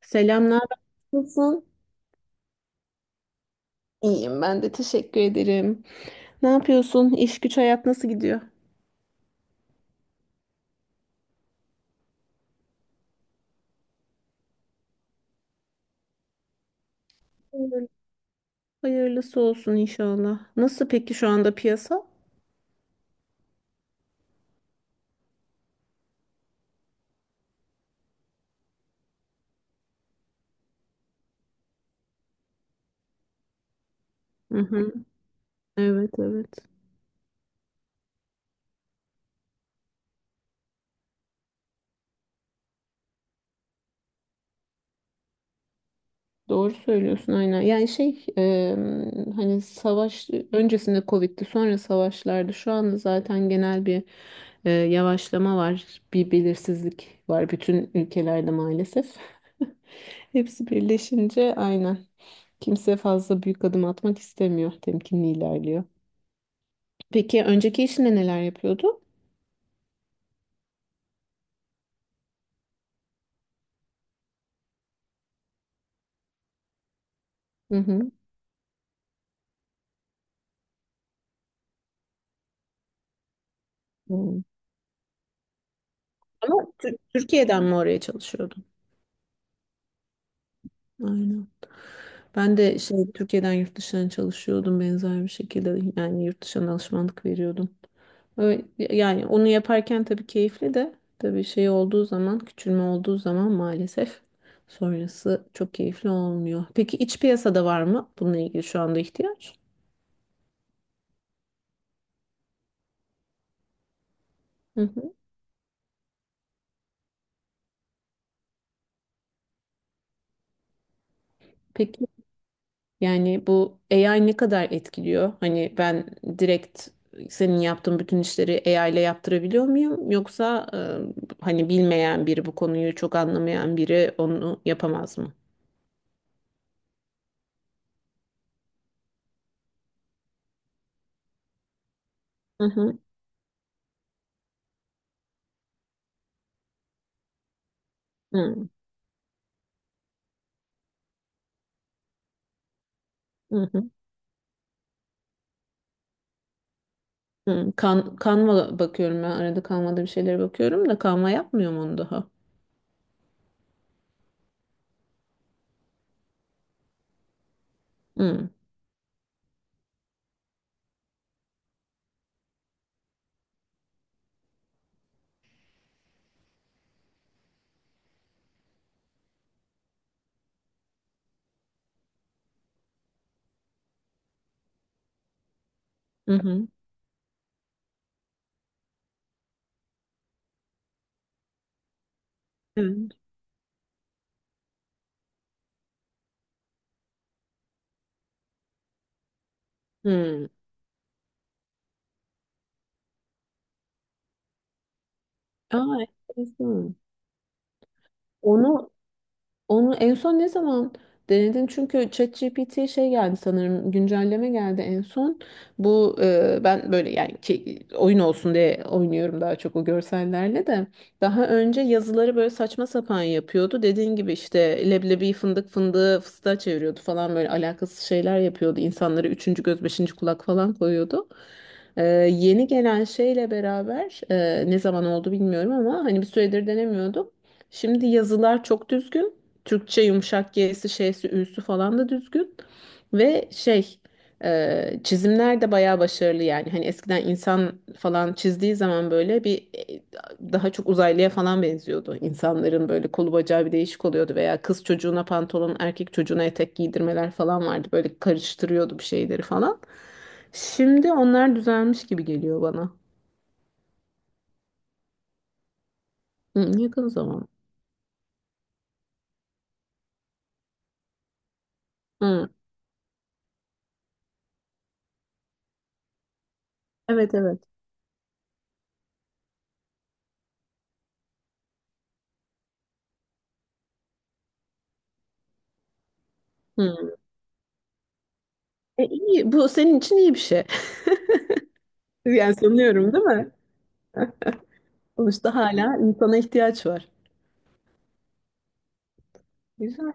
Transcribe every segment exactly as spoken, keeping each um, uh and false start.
Selam, naber? Nasılsın? İyiyim ben de teşekkür ederim. Ne yapıyorsun? İş güç hayat nasıl gidiyor? Hayırlısı olsun inşallah. Nasıl peki şu anda piyasa? Hı hı. Evet, evet. Doğru söylüyorsun aynen. Yani şey e, hani savaş öncesinde Covid'di, sonra savaşlardı. Şu anda zaten genel bir e, yavaşlama var. Bir belirsizlik var bütün ülkelerde maalesef. Hepsi birleşince aynen. Kimse fazla büyük adım atmak istemiyor. Temkinli ilerliyor. Peki önceki işinde neler yapıyordu? Hı hı. Hmm. Ama Tür- Türkiye'den mi oraya çalışıyordun? Aynen. Ben de şey Türkiye'den yurt dışına çalışıyordum benzer bir şekilde. Yani yurt dışına alışmanlık veriyordum. Öyle- Yani onu yaparken tabii keyifli de, tabii şey olduğu zaman, küçülme olduğu zaman maalesef sonrası çok keyifli olmuyor. Peki iç piyasada var mı bununla ilgili şu anda ihtiyaç? Hı hı. Peki yani bu A I ne kadar etkiliyor? Hani ben direkt senin yaptığın bütün işleri A I ile yaptırabiliyor muyum? Yoksa e, hani bilmeyen biri, bu konuyu çok anlamayan biri onu yapamaz mı? Hı hı. Hı hı. Hı, kan, kanva bakıyorum ben, arada kanvada bir şeylere bakıyorum da kanva yapmıyor mu onu daha. Hı, hı hı. Evet. Hı. Aa, enteresan. Onu Onu en son ne zaman denedin? Çünkü ChatGPT'ye şey geldi sanırım, güncelleme geldi en son. Bu e, ben böyle yani ki, oyun olsun diye oynuyorum daha çok o görsellerle de. Daha önce yazıları böyle saçma sapan yapıyordu. Dediğin gibi işte leblebi fındık, fındığı fıstığa çeviriyordu falan, böyle alakasız şeyler yapıyordu. İnsanlara üçüncü göz, beşinci kulak falan koyuyordu. E, yeni gelen şeyle beraber e, ne zaman oldu bilmiyorum ama hani bir süredir denemiyordum. Şimdi yazılar çok düzgün. Türkçe yumuşak G'si, şeysi, ü'sü falan da düzgün. Ve şey e, çizimler de bayağı başarılı yani. Hani eskiden insan falan çizdiği zaman böyle bir e, daha çok uzaylıya falan benziyordu. İnsanların böyle kolu bacağı bir değişik oluyordu veya kız çocuğuna pantolon, erkek çocuğuna etek giydirmeler falan vardı. Böyle karıştırıyordu bir şeyleri falan. Şimdi onlar düzelmiş gibi geliyor bana. Hı, yakın zaman. Hı, evet, evet. Hı. E, iyi. Bu senin için iyi bir şey. Yani sanıyorum, değil mi? Sonuçta hala insana ihtiyaç var. Güzel.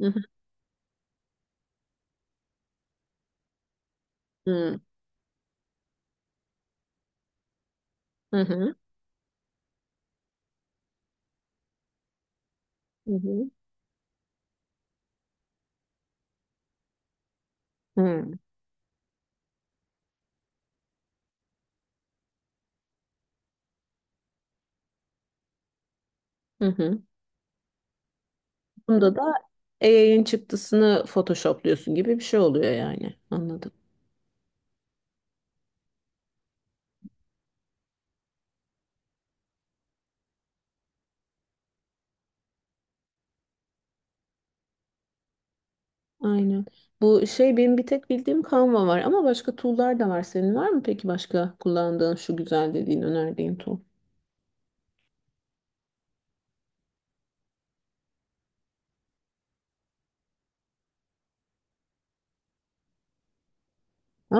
Hı hı. Hı hı. Hı hı. Hı hı. hı. Bunda da A I'ın çıktısını Photoshop'luyorsun gibi bir şey oluyor yani. Anladım. Aynen. Bu şey benim bir tek bildiğim Canva var ama başka tool'lar da var. Senin var mı peki başka kullandığın şu güzel dediğin önerdiğin tool?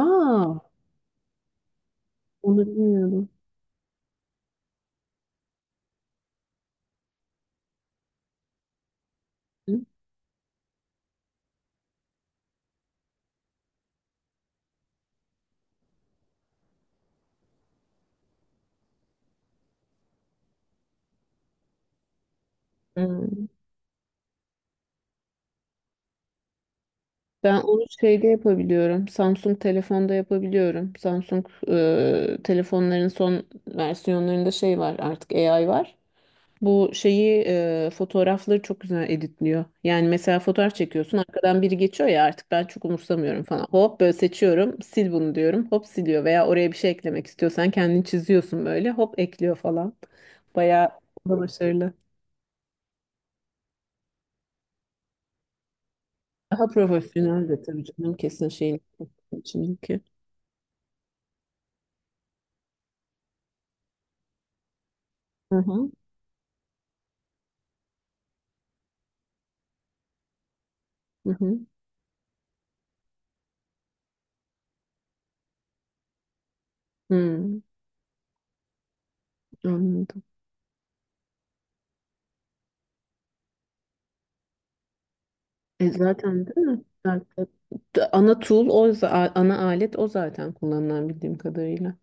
Aa, onu bilmiyordum. Hı. Hı. Ben onu şeyde yapabiliyorum. Samsung telefonda yapabiliyorum. Samsung e, telefonların son versiyonlarında şey var artık, A I var. Bu şeyi e, fotoğrafları çok güzel editliyor. Yani mesela fotoğraf çekiyorsun, arkadan biri geçiyor ya, artık ben çok umursamıyorum falan. Hop böyle seçiyorum, sil bunu diyorum, hop siliyor; veya oraya bir şey eklemek istiyorsan kendini çiziyorsun böyle, hop ekliyor falan. Bayağı da başarılı. Daha profesyonel de tabii canım, kesin şeyin içindeki. Hı hı. Hı hı. Hı. Anladım. E zaten değil mi? Zaten- da- Ana tool o za- ana alet o zaten kullanılan bildiğim kadarıyla.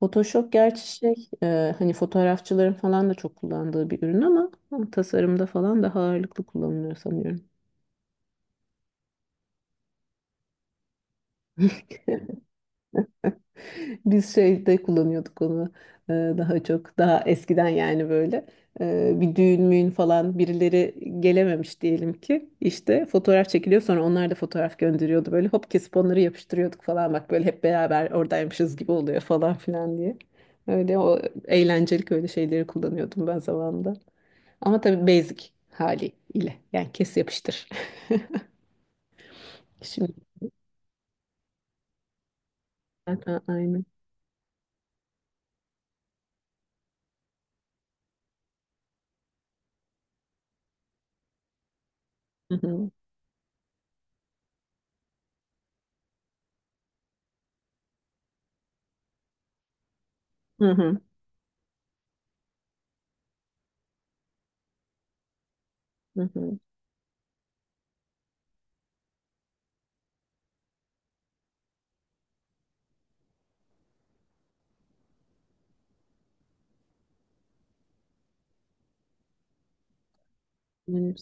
Photoshop gerçi şey e, hani fotoğrafçıların falan da çok kullandığı bir ürün ama, ama tasarımda falan daha ağırlıklı kullanılıyor sanıyorum. Biz şeyde kullanıyorduk onu e, daha çok, daha eskiden, yani böyle e, bir düğün müğün falan birileri gelememiş diyelim ki, işte fotoğraf çekiliyor, sonra onlar da fotoğraf gönderiyordu, böyle hop kesip onları yapıştırıyorduk falan, bak böyle hep beraber oradaymışız gibi oluyor falan filan diye. Öyle o eğlencelik öyle şeyleri kullanıyordum ben zamanında. Ama tabii basic haliyle, yani kes yapıştır. Şimdi zaten aynı. Hı hı. Hı hı. Hı hı. Benim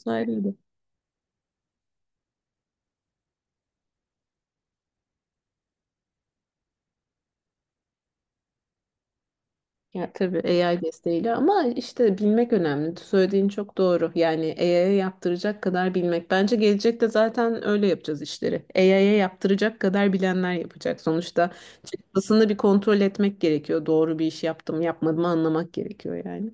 Ya tabii A I desteğiyle ama işte bilmek önemli. Söylediğin çok doğru. Yani A I'ye yaptıracak kadar bilmek. Bence gelecekte zaten öyle yapacağız işleri. A I'ye yaptıracak kadar bilenler yapacak. Sonuçta çıktısını bir kontrol etmek gerekiyor. Doğru bir iş yaptım, yapmadım anlamak gerekiyor yani.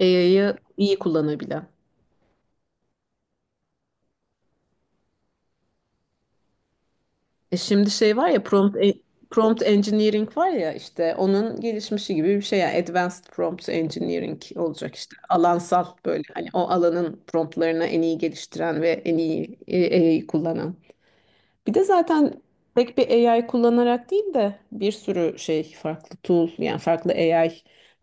A I'yı iyi kullanabilen. E şimdi şey var ya, prompt e- prompt engineering var ya, işte onun gelişmişi gibi bir şey, yani advanced prompt engineering olacak işte, alansal böyle, hani o alanın promptlarını en iyi geliştiren ve en iyi e, A I kullanan. Bir de zaten tek bir A I kullanarak değil de bir sürü şey, farklı tool, yani farklı A I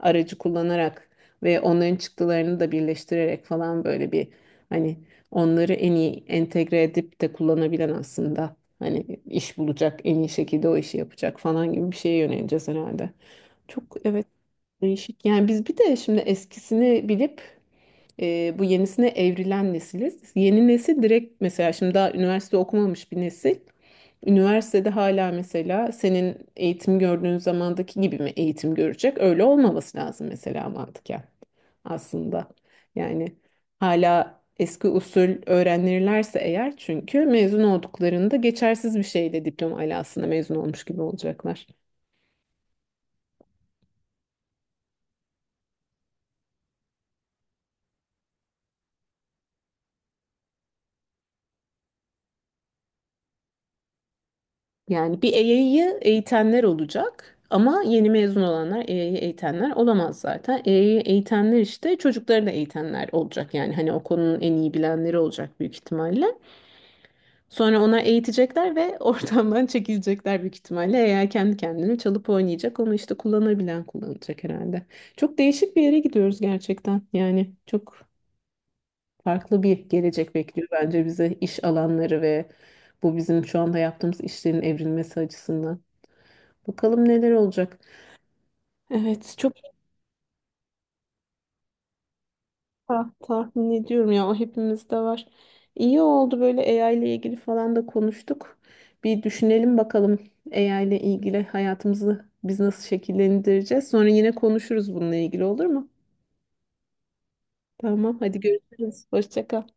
aracı kullanarak ve onların çıktılarını da birleştirerek falan, böyle bir, hani onları en iyi entegre edip de kullanabilen aslında hani iş bulacak, en iyi şekilde o işi yapacak falan gibi bir şeye yöneleceğiz herhalde. Çok, evet, değişik. Yani biz bir de şimdi eskisini bilip e, bu yenisine evrilen nesiliz. Yeni nesil direkt mesela şimdi daha üniversite okumamış bir nesil. Üniversitede hala mesela senin eğitim gördüğün zamandaki gibi mi eğitim görecek? Öyle olmaması lazım mesela, mantıken aslında. Yani hala eski usul öğrenirlerse eğer, çünkü mezun olduklarında geçersiz bir şeyle diploma alasında mezun olmuş gibi olacaklar. Yani bir E Y'yi eğitenler olacak ama yeni mezun olanlar E Y'yi eğitenler olamaz zaten. E Y'yi eğitenler işte çocukları da eğitenler olacak, yani hani o konunun en iyi bilenleri olacak büyük ihtimalle. Sonra ona eğitecekler ve ortamdan çekilecekler büyük ihtimalle. Eğer kendi kendine çalıp oynayacak onu, işte kullanabilen kullanacak herhalde. Çok değişik bir yere gidiyoruz gerçekten. Yani çok farklı bir gelecek bekliyor bence bize, iş alanları ve bu bizim şu anda yaptığımız işlerin evrilmesi açısından. Bakalım neler olacak. Evet, çok iyi tah- tahmin ediyorum ya, o hepimizde var. İyi oldu böyle A I ile ilgili falan da konuştuk. Bir düşünelim bakalım A I ile ilgili hayatımızı biz nasıl şekillendireceğiz. Sonra yine konuşuruz bununla ilgili, olur mu? Tamam, hadi görüşürüz. Hoşça kal.